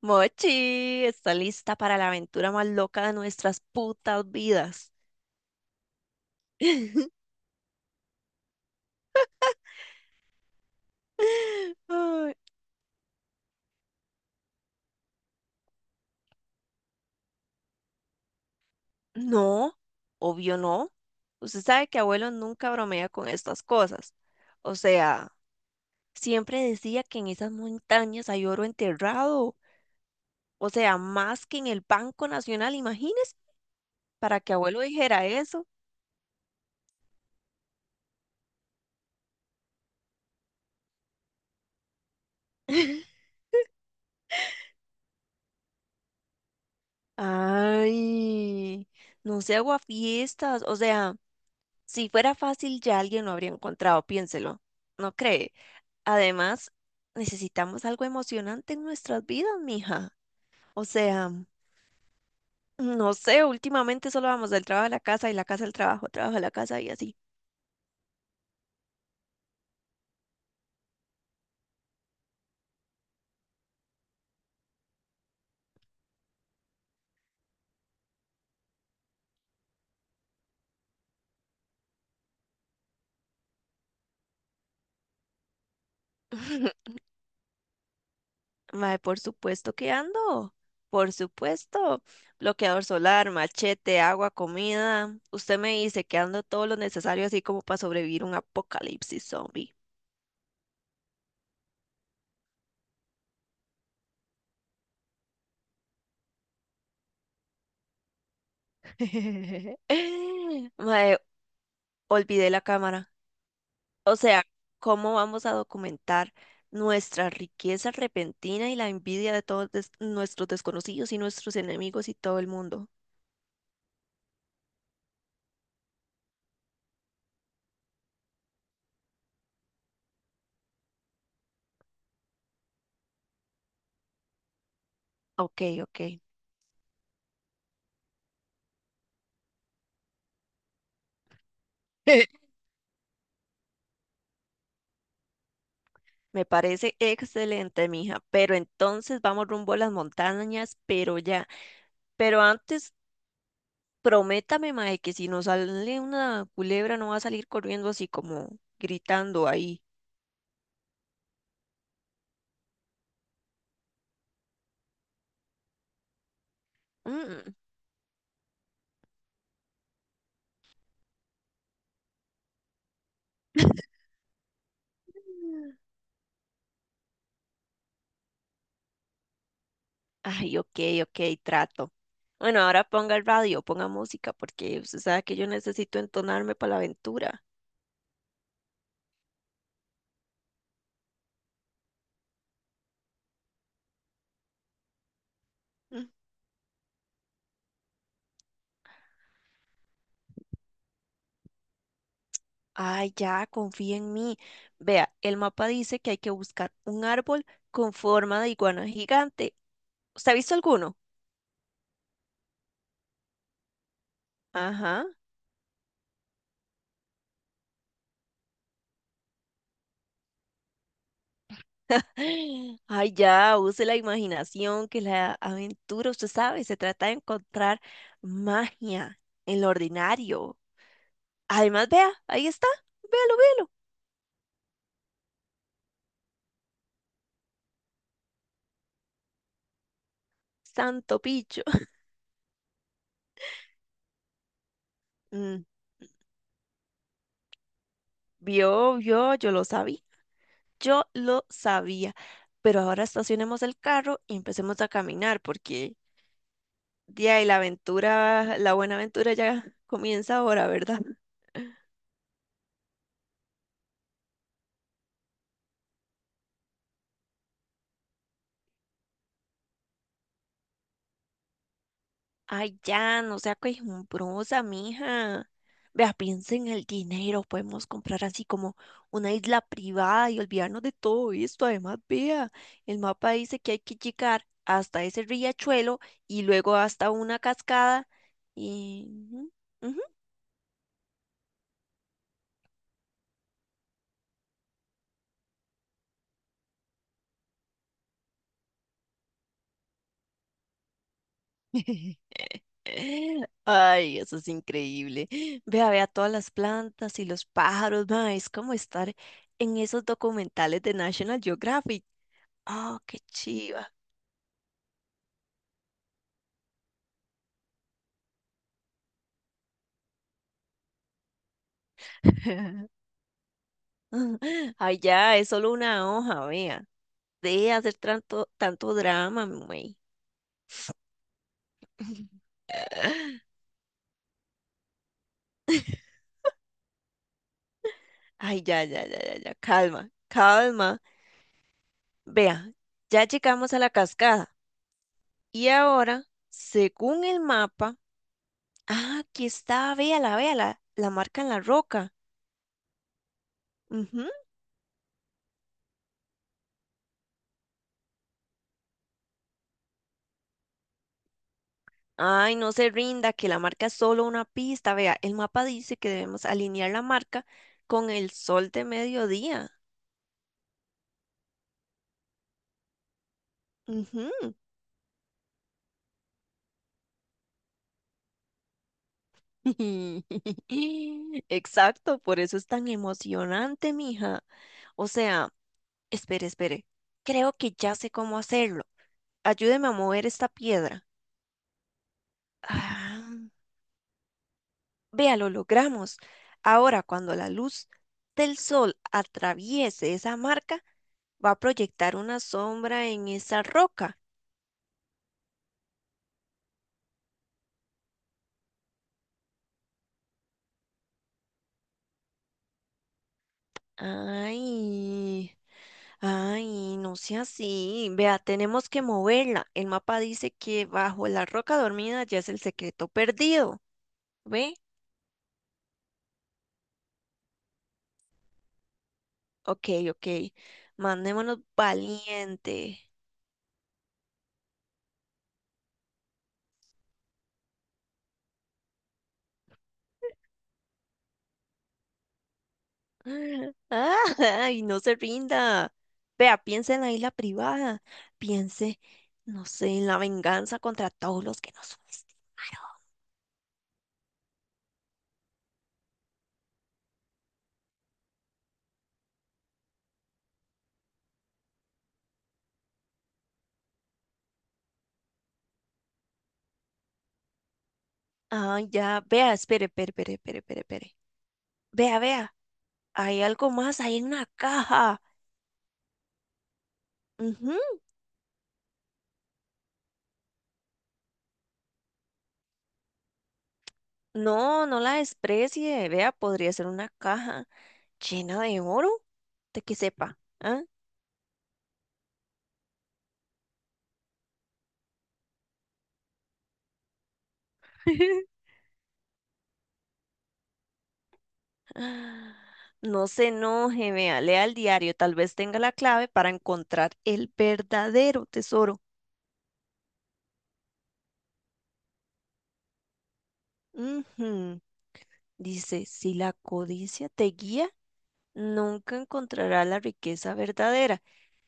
Mochi, está lista para la aventura más loca de nuestras putas vidas. Ay, no, obvio no. Usted sabe que abuelo nunca bromea con estas cosas. O sea, siempre decía que en esas montañas hay oro enterrado. O sea, más que en el Banco Nacional, imagínese, para que abuelo dijera eso. Ay, no se hago a fiestas. O sea, si fuera fácil ya alguien lo habría encontrado, piénselo. ¿No cree? Además, necesitamos algo emocionante en nuestras vidas, mija. O sea, no sé, últimamente solo vamos del trabajo a la casa y la casa al trabajo, trabajo a la casa y así. Mae, por supuesto que ando. Por supuesto. Bloqueador solar, machete, agua, comida. Usted me dice que ando todo lo necesario así como para sobrevivir un apocalipsis zombie. Mae, olvidé la cámara. O sea, ¿cómo vamos a documentar nuestra riqueza repentina y la envidia de todos nuestros desconocidos y nuestros enemigos y todo el mundo? Ok, ok. Me parece excelente, mija. Pero entonces vamos rumbo a las montañas, pero ya. Pero antes, prométame, mae, que si nos sale una culebra no va a salir corriendo así como gritando ahí. Mm. Ay, ok, ok, trato. Bueno, ahora ponga el radio, ponga música, porque usted sabe que yo necesito entonarme para la aventura. Mm. Ay, ya, confía en mí. Vea, el mapa dice que hay que buscar un árbol con forma de iguana gigante. ¿Usted ha visto alguno? Ajá. Ay, ya, use la imaginación, que la aventura, usted sabe, se trata de encontrar magia en lo ordinario. Además, vea, ahí está, véalo, véalo. Santo picho. Vio, vio, yo lo sabía, yo lo sabía. Pero ahora estacionemos el carro y empecemos a caminar, porque de ahí la aventura, la buena aventura ya comienza ahora, ¿verdad? Ay, ya, no sea quejumbrosa, mija. Vea, piensa en el dinero, podemos comprar así como una isla privada y olvidarnos de todo esto. Además, vea, el mapa dice que hay que llegar hasta ese riachuelo y luego hasta una cascada y... ujú, ujú. Ay, eso es increíble. Vea, vea todas las plantas y los pájaros, ma, es como estar en esos documentales de National Geographic. Oh, qué chiva. Ay, ya, es solo una hoja, vea. Deje de hacer tanto drama, güey. Ay, ya, ya, ya, ya, ya, calma, calma. Vea, ya llegamos a la cascada. Y ahora, según el mapa, ah, aquí está, véala, véala, la marca en la roca. Ujú. Ay, no se rinda, que la marca es solo una pista. Vea, el mapa dice que debemos alinear la marca con el sol de mediodía. Ujú. Exacto, por eso es tan emocionante, mija. O sea, espere, espere. Creo que ya sé cómo hacerlo. Ayúdeme a mover esta piedra. Ah. Vea, lo logramos. Ahora, cuando la luz del sol atraviese esa marca, va a proyectar una sombra en esa roca. Ay, ay, no sea así. Vea, tenemos que moverla. El mapa dice que bajo la roca dormida ya es el secreto perdido. ¿Ve? Ok, ok. Mandémonos valiente. Ay, no se rinda. Vea, piense en la isla privada. Piense, no sé, en la venganza contra todos los que nos subestimaron. Ay, ya, vea, espere. Vea, vea, hay algo más, hay una caja. Ujú. No, no la desprecie. Vea, podría ser una caja llena de oro, de que sepa. ¿Ah? No se enoje, vea, lea el diario, tal vez tenga la clave para encontrar el verdadero tesoro. Ujú. Dice, si la codicia te guía, nunca encontrarás la riqueza verdadera.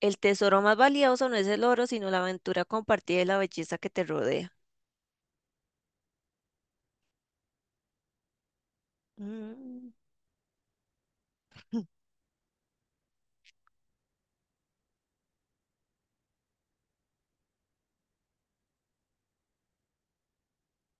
El tesoro más valioso no es el oro, sino la aventura compartida y la belleza que te rodea. Mm.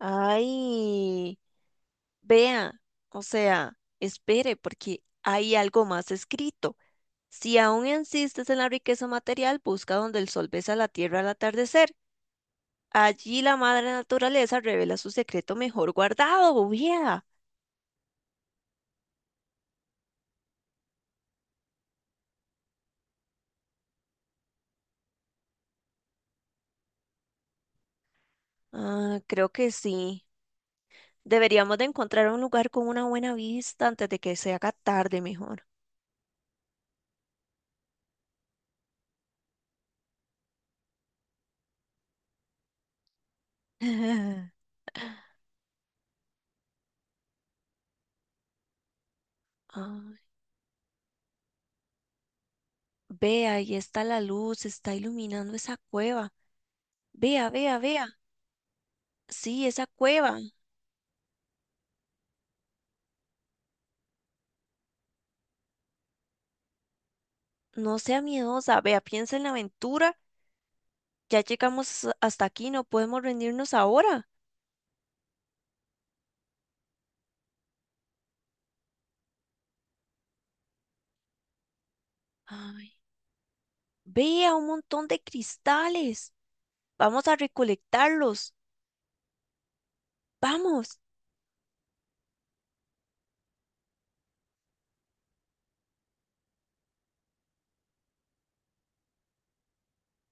Ay, vea, o sea, espere, porque hay algo más escrito. Si aún insistes en la riqueza material, busca donde el sol besa la tierra al atardecer. Allí la madre naturaleza revela su secreto mejor guardado, bobía. Ah, creo que sí. Deberíamos de encontrar un lugar con una buena vista antes de que se haga tarde mejor. Ay, vea, ahí está la luz, está iluminando esa cueva. Vea, vea, vea. Sí, esa cueva. No sea miedosa. Vea, piensa en la aventura. Ya llegamos hasta aquí, no podemos rendirnos ahora. Ay. Vea un montón de cristales. Vamos a recolectarlos. Vamos.